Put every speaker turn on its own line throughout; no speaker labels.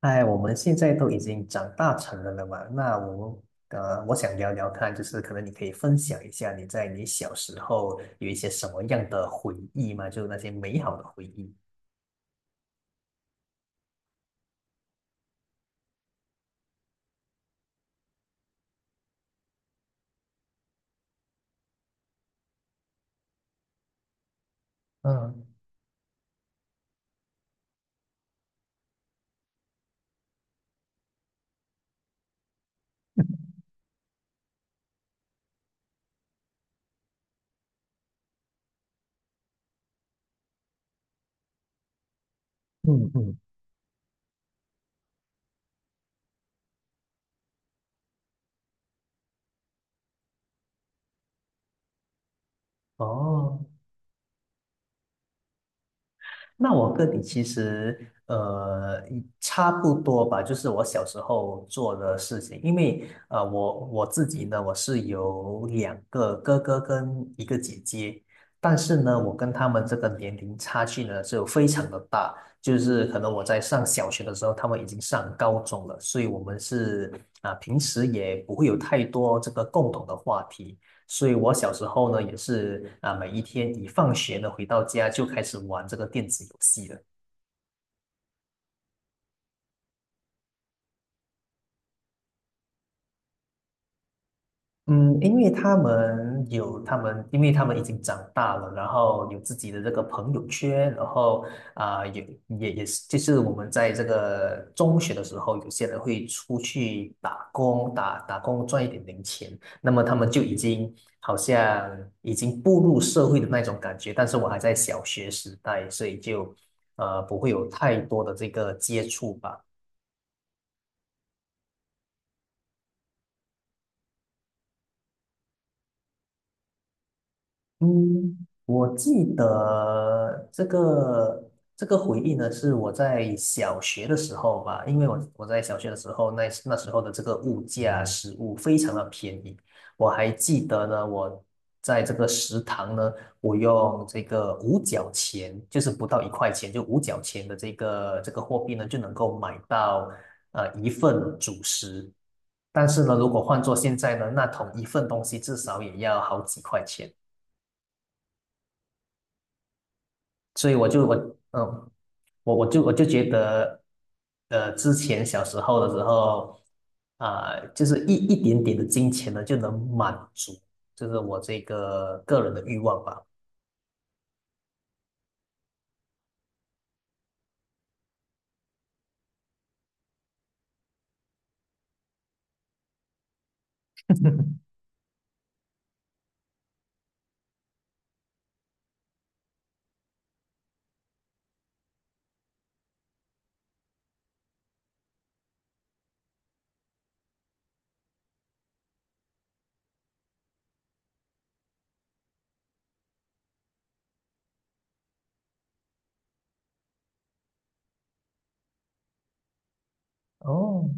哎，我们现在都已经长大成人了嘛，那我们呃，我想聊聊看，就是可能你可以分享一下你在你小时候有一些什么样的回忆吗？就是那些美好的回忆。嗯嗯嗯。哦，那我跟你其实差不多吧，就是我小时候做的事情。因为我自己呢，我是有两个哥哥跟一个姐姐。但是呢，我跟他们这个年龄差距呢就非常的大，就是可能我在上小学的时候，他们已经上高中了，所以我们平时也不会有太多这个共同的话题。所以我小时候呢，也是啊，每一天一放学呢，回到家就开始玩这个电子游戏了。嗯，因为他们已经长大了，然后有自己的这个朋友圈，然后啊、有也也是，就是我们在这个中学的时候，有些人会出去打工，打打工赚一点零钱，那么他们就已经好像已经步入社会的那种感觉，但是我还在小学时代，所以就不会有太多的这个接触吧。嗯，我记得这个回忆呢，是我在小学的时候吧。因为我在小学的时候，那时候的这个物价食物非常的便宜。我还记得呢，我在这个食堂呢，我用这个五角钱，就是不到1块钱，就五角钱的这个货币呢，就能够买到一份主食。但是呢，如果换做现在呢，那同一份东西至少也要好几块钱。所以我就我嗯，我我就我就觉得，之前小时候的时候，就是一点点的金钱呢，就能满足，就是我这个个人的欲望吧。哦，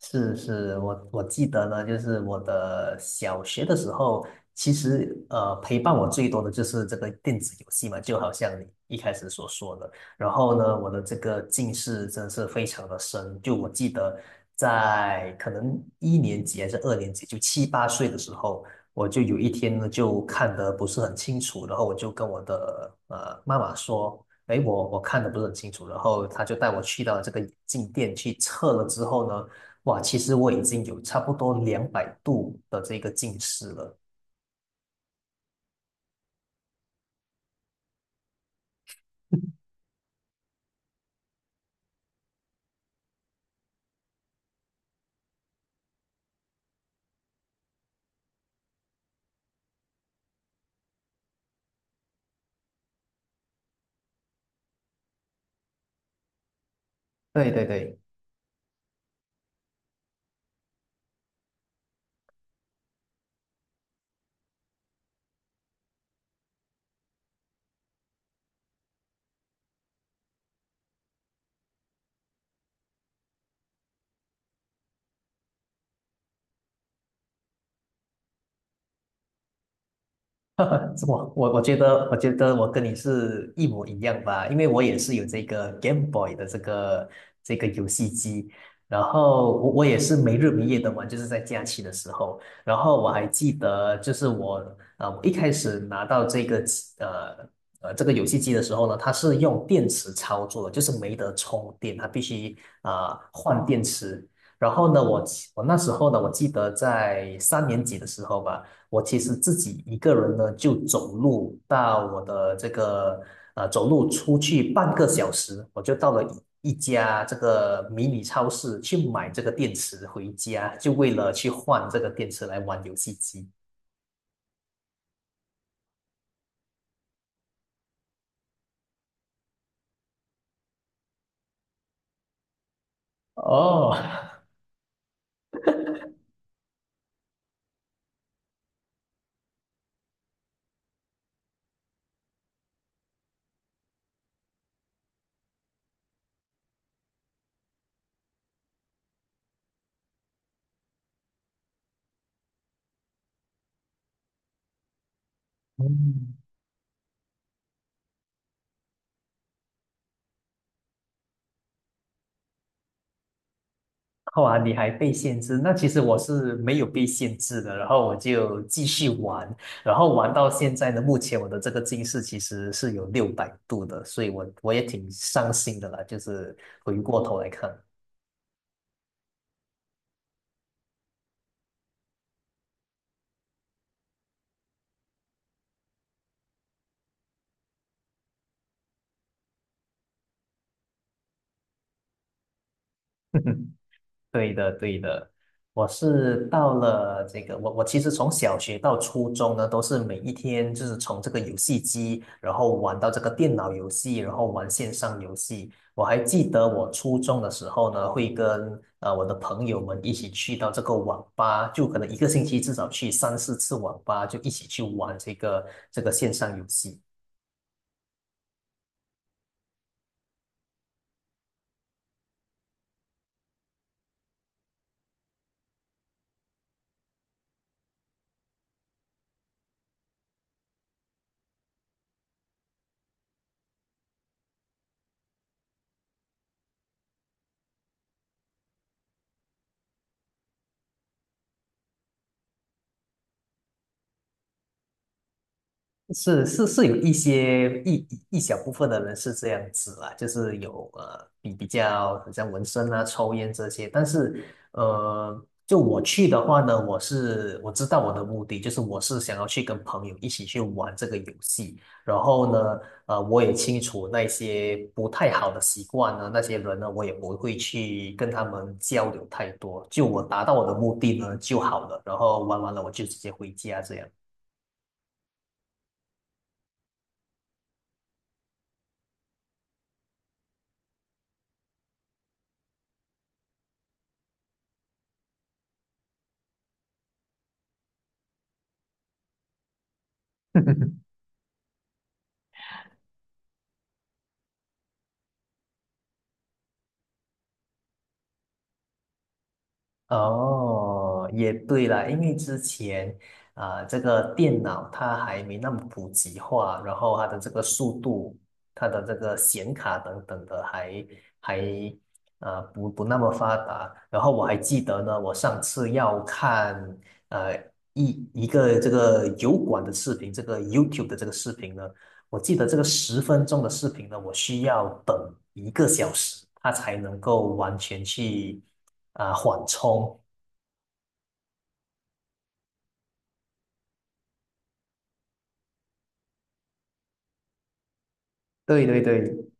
是是，我记得呢，就是我的小学的时候，其实陪伴我最多的就是这个电子游戏嘛，就好像你一开始所说的。然后呢，我的这个近视真是非常的深。就我记得在可能一年级还是二年级，就七八岁的时候，我就有一天呢就看得不是很清楚，然后我就跟我的妈妈说。哎，我看的不是很清楚，然后他就带我去到这个眼镜店去测了之后呢，哇，其实我已经有差不多200度的这个近视了。对对对。我觉得我跟你是一模一样吧，因为我也是有这个 Game Boy 的这个游戏机，然后我也是没日没夜的玩，就是在假期的时候。然后我还记得，我一开始拿到这个机呃呃这个游戏机的时候呢，它是用电池操作的，就是没得充电，它必须换电池。然后呢，我那时候呢，我记得在三年级的时候吧。我其实自己一个人呢，就走路到我的这个呃，走路出去半个小时，我就到了一家这个迷你超市去买这个电池回家，就为了去换这个电池来玩游戏机。哦。嗯，哇，你还被限制？那其实我是没有被限制的，然后我就继续玩，然后玩到现在呢，目前我的这个近视其实是有600度的，所以我也挺伤心的啦，就是回过头来看。对的，对的，我是到了这个，我我其实从小学到初中呢，都是每一天就是从这个游戏机，然后玩到这个电脑游戏，然后玩线上游戏。我还记得我初中的时候呢，会跟我的朋友们一起去到这个网吧，就可能一个星期至少去三四次网吧，就一起去玩这个线上游戏。是是是，有一些一小部分的人是这样子啦，就是有比较好像纹身啊、抽烟这些。但是就我去的话呢，我知道我的目的，就是我是想要去跟朋友一起去玩这个游戏。然后呢，我也清楚那些不太好的习惯呢，那些人呢，我也不会去跟他们交流太多，就我达到我的目的呢就好了，然后玩完了我就直接回家这样。哦，也对啦，因为之前这个电脑它还没那么普及化，然后它的这个速度、它的这个显卡等等的还不那么发达。然后我还记得呢，我上次要看呃一个这个油管的视频，这个 YouTube 的这个视频呢，我记得这个10分钟的视频呢，我需要等一个小时，它才能够完全去缓冲。对对对，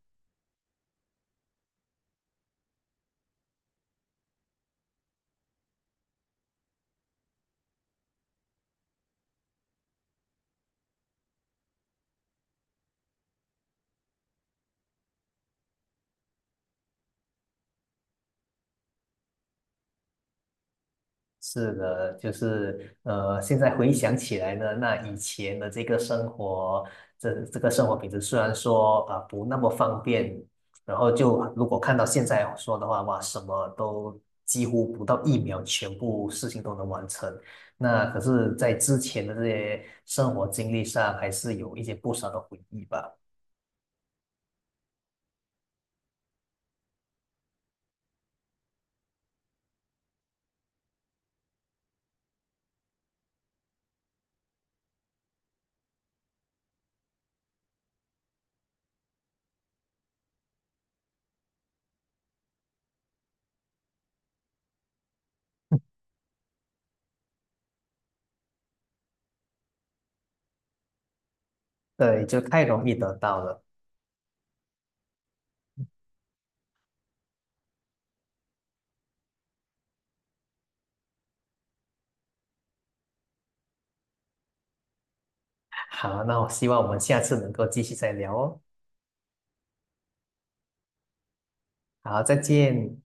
是的。就是现在回想起来呢，那以前的这个生活，这个生活品质虽然说不那么方便，然后就如果看到现在说的话，哇，什么都几乎不到一秒，全部事情都能完成。那可是，在之前的这些生活经历上，还是有一些不少的回忆吧。对，就太容易得到了。好，那我希望我们下次能够继续再聊哦。好，再见。